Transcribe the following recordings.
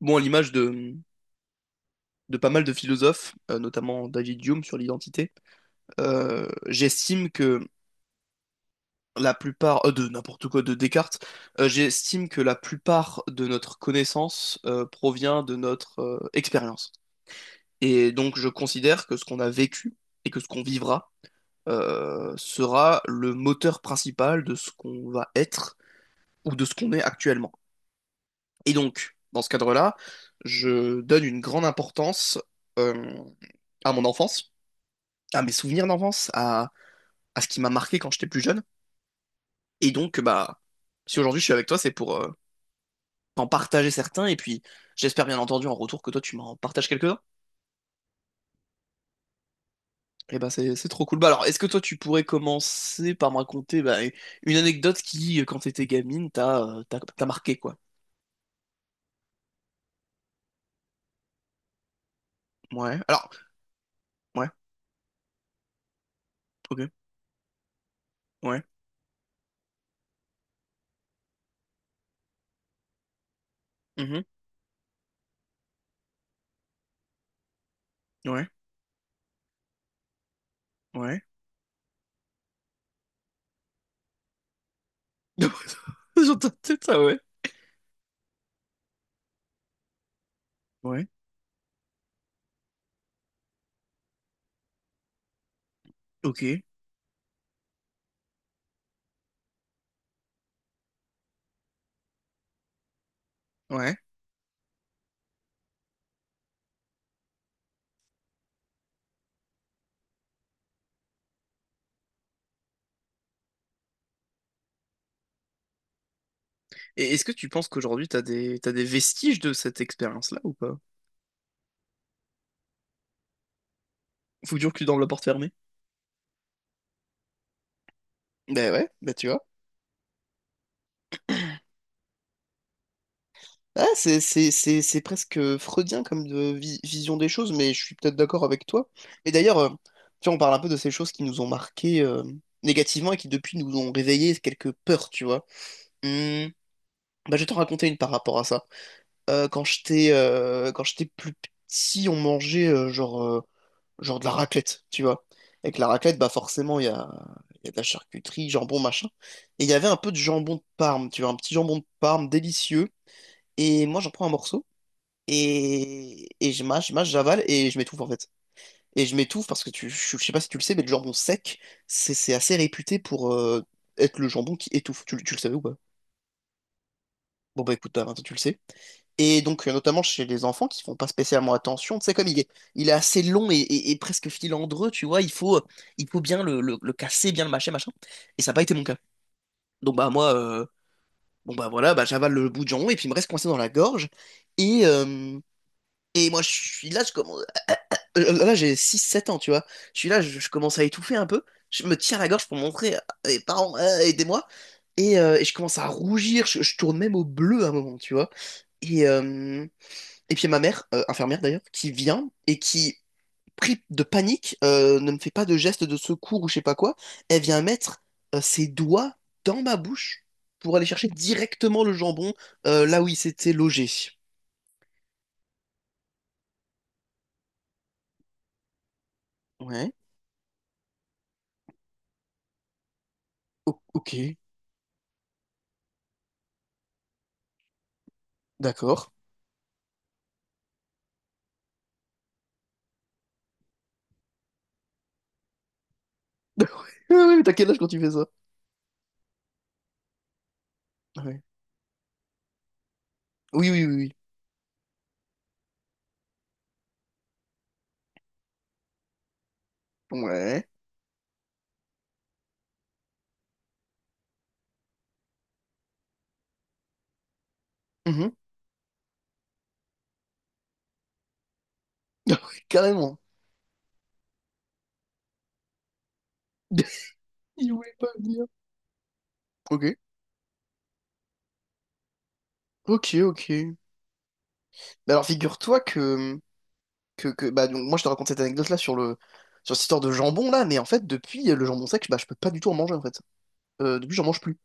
Bon, à l'image de pas mal de philosophes, notamment David Hume sur l'identité, j'estime que la plupart, de n'importe quoi, de Descartes, j'estime que la plupart de notre connaissance provient de notre expérience. Et donc je considère que ce qu'on a vécu et que ce qu'on vivra sera le moteur principal de ce qu'on va être ou de ce qu'on est actuellement. Et donc, dans ce cadre-là, je donne une grande importance euh, à mon enfance à mes souvenirs d'enfance, à ce qui m'a marqué quand j'étais plus jeune. Et donc, bah, si aujourd'hui je suis avec toi, c'est pour en partager certains. Et puis, j'espère bien entendu en retour que toi, tu m'en partages quelques-uns. Et bah, c'est trop cool. Bah, alors, est-ce que toi, tu pourrais commencer par me raconter bah, une anecdote qui, quand t'étais gamine, t'a marqué, quoi? Ouais. Alors, ouais, ok. Ouais. Mhm. Ouais. Ouais. J'entends peut-être ça, ouais. Ouais. Ok. Ouais. Et est-ce que tu penses qu'aujourd'hui, t'as des vestiges de cette expérience-là ou pas? Faut toujours que tu dormes la porte fermée. Ben ouais, ben tu vois. Ah, c'est presque freudien comme vision des choses, mais je suis peut-être d'accord avec toi. Mais d'ailleurs, tu vois, on parle un peu de ces choses qui nous ont marqués négativement et qui depuis nous ont réveillé quelques peurs, tu vois. Hmm, bah, je vais t'en raconter une par rapport à ça. Quand j'étais plus petit, on mangeait genre de la raclette, tu vois. Avec la raclette, bah forcément, il y a de la charcuterie, jambon, machin. Et il y avait un peu de jambon de Parme, tu vois, un petit jambon de Parme délicieux. Et moi, j'en prends un morceau. Et je mâche, j'avale et je m'étouffe en fait. Et je m'étouffe parce que je sais pas si tu le sais, mais le jambon sec, c'est assez réputé pour être le jambon qui étouffe. Tu le savais ou pas? Bon bah écoute, Alain, tu le sais. Et donc, notamment chez les enfants qui font pas spécialement attention, tu sais, il est assez long et presque filandreux, tu vois, il faut bien le casser, bien le mâcher, machin. Et ça n'a pas été mon cas. Donc, bah, moi, bah, voilà, bah, j'avale le bout de jambon et puis il me reste coincé dans la gorge. Et, euh, et moi, je suis là, là, j'ai 6 7 ans, tu vois. Je suis là, je commence à étouffer un peu. Je me tiens la gorge pour montrer à mes parents, aidez-moi. Et je commence à rougir, je tourne même au bleu à un moment, tu vois. Et, euh, et puis il y a ma mère, infirmière d'ailleurs, qui vient et qui pris de panique, ne me fait pas de geste de secours ou je sais pas quoi. Elle vient mettre ses doigts dans ma bouche pour aller chercher directement le jambon là où il s'était logé. Ouais. Ok, d'accord. Ouais, ouais, t'as quel âge quand tu fais ça? Ouais. Oui, oui, oui, oui. Ouais. Mhm. Ouais, carrément. Il voulait pas venir. Ok. Ok, ok. Bah alors figure-toi que bah donc moi je te raconte cette anecdote là sur cette histoire de jambon là, mais en fait depuis le jambon sec, bah je peux pas du tout en manger en fait. Depuis j'en mange plus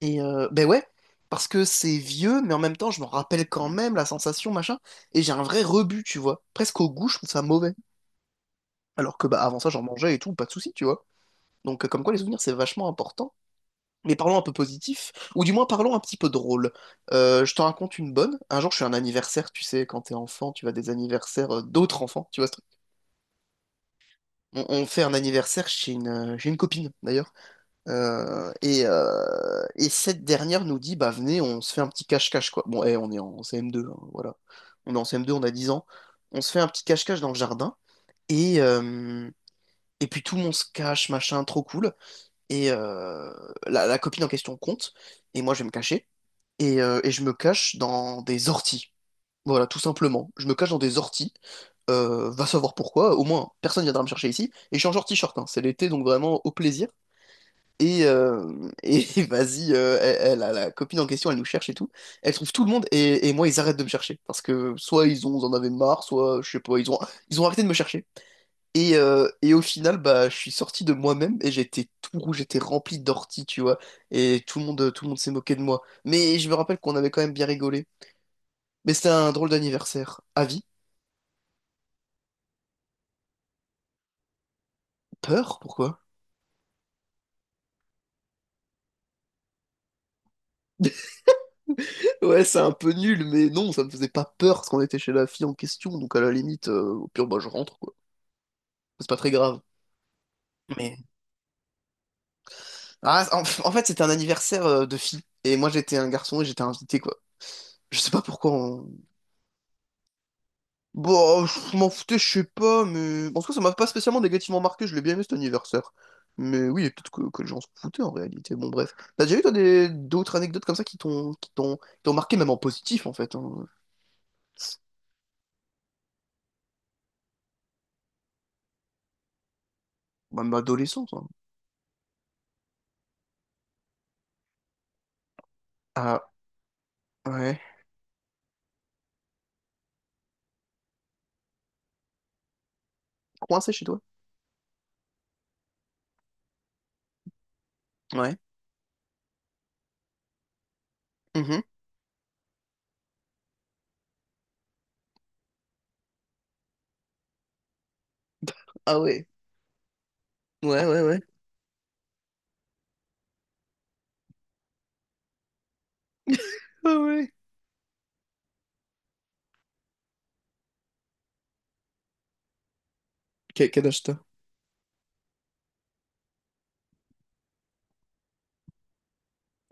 et ben ouais, parce que c'est vieux, mais en même temps je me rappelle quand même la sensation machin, et j'ai un vrai rebut, tu vois, presque au goût, je trouve ça mauvais, alors que bah avant ça j'en mangeais et tout, pas de souci, tu vois. Donc comme quoi les souvenirs c'est vachement important. Mais parlons un peu positif, ou du moins parlons un petit peu drôle. Je t'en raconte une bonne. Un jour je suis à un anniversaire, tu sais, quand t'es enfant tu vas à des anniversaires d'autres enfants, tu vois. On fait un anniversaire chez une copine d'ailleurs. Et cette dernière nous dit, bah venez, on se fait un petit cache-cache quoi. Bon, eh, on est en CM2, hein, voilà. On est en CM2, on a 10 ans. On se fait un petit cache-cache dans le jardin. Et, euh, et puis tout le monde se cache, machin, trop cool. Et la copine en question compte. Et moi, je vais me cacher. Et je me cache dans des orties. Voilà, tout simplement. Je me cache dans des orties. Va savoir pourquoi. Au moins, personne viendra me chercher ici. Et je suis en short t-shirt, hein. C'est l'été, donc vraiment au plaisir. Et, euh, et vas-y, elle a la copine en question, elle nous cherche et tout. Elle trouve tout le monde et moi, ils arrêtent de me chercher. Parce que soit ils en avaient marre, soit je sais pas, ils ont arrêté de me chercher. Et au final, bah, je suis sorti de moi-même et j'étais tout rouge, j'étais rempli d'orties, tu vois. Tout le monde s'est moqué de moi. Mais je me rappelle qu'on avait quand même bien rigolé. Mais c'était un drôle d'anniversaire. À vie. Peur? Pourquoi? Ouais, c'est un peu nul, mais non, ça me faisait pas peur parce qu'on était chez la fille en question, donc à la limite, au pire, bah, je rentre, quoi. C'est pas très grave. Mais. Ah, en fait, c'était un anniversaire de fille, et moi j'étais un garçon et j'étais invité, quoi. Je sais pas pourquoi on. Bon, oh, je m'en foutais, je sais pas, mais. En tout cas, ça m'a pas spécialement négativement marqué, je l'ai bien aimé cet anniversaire. Mais oui, et peut-être que les gens se foutaient en réalité. Bon, bref. T'as déjà eu, toi, des- d'autres anecdotes comme ça qui t'ont marqué, même en positif, en fait, hein. Même adolescence, hein. Ah, ouais. Coincé chez toi? Ouais. Mhm. Ah ouais. Ouais, ouais, ouais. Ah ouais. Quel, quel âge t'as?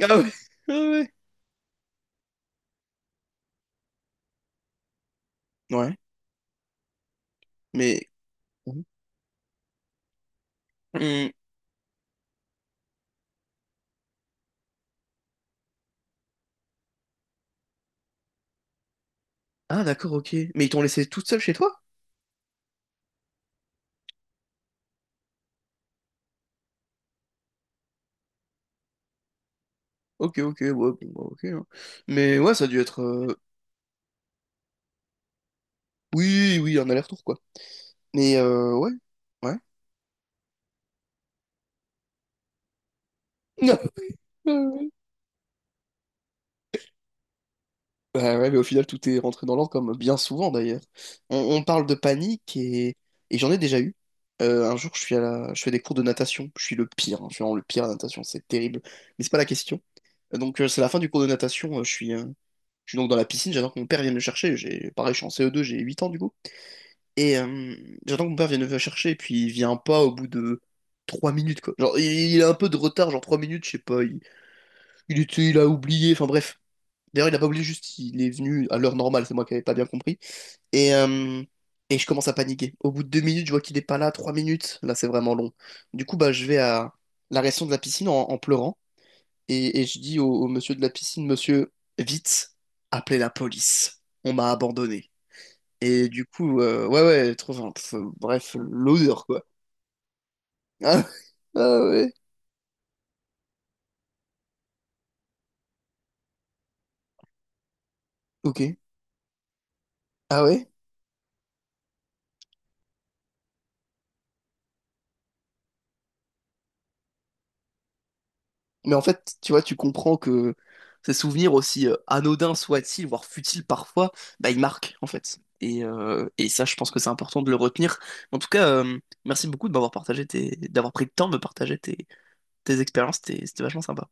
Ah ouais. Ah ouais. Ouais. Mais. Mhm. Hum. Ah d'accord, ok. Mais ils t'ont laissé toute seule chez toi? Ok, ok, ouais, bon, bah, ok, hein. Mais ouais, ça a dû être. Oui, oui, un aller-retour, quoi. Mais ouais. Ouais. Bah ouais, mais au final, tout est rentré dans l'ordre, comme bien souvent d'ailleurs. On parle de panique et j'en ai déjà eu. Un jour, je suis je fais des cours de natation. Je suis le pire, hein. Je suis vraiment le pire à la natation, c'est terrible. Mais c'est pas la question. Donc, c'est la fin du cours de natation. Je suis donc dans la piscine. J'attends que mon père vienne me chercher. J'ai, pareil, je suis en CE2, j'ai 8 ans du coup. Et euh, J'attends que mon père vienne me chercher. Et puis, il vient pas au bout de 3 minutes, quoi. Il a un peu de retard, genre 3 minutes, je sais pas. Il a oublié. Enfin, bref. D'ailleurs, il a pas oublié juste, il est venu à l'heure normale, c'est moi qui avais pas bien compris. Et, euh, et je commence à paniquer. Au bout de 2 minutes, je vois qu'il est pas là, 3 minutes, là c'est vraiment long. Du coup, bah, je vais à la réaction de la piscine en pleurant et, et je dis au monsieur de la piscine, monsieur, vite, appelez la police. On m'a abandonné. Et du coup, ouais, ouais, trop, enfin, pff, bref, l'odeur, quoi. Ah, ah ouais, ok. Ah ouais? Mais en fait, tu vois, tu comprends que ces souvenirs, aussi anodins soient-ils, voire futiles parfois, bah, ils marquent, en fait. Et ça, je pense que c'est important de le retenir. En tout cas, merci beaucoup de m'avoir partagé tes... d'avoir pris le temps de me partager tes expériences. C'était vachement sympa.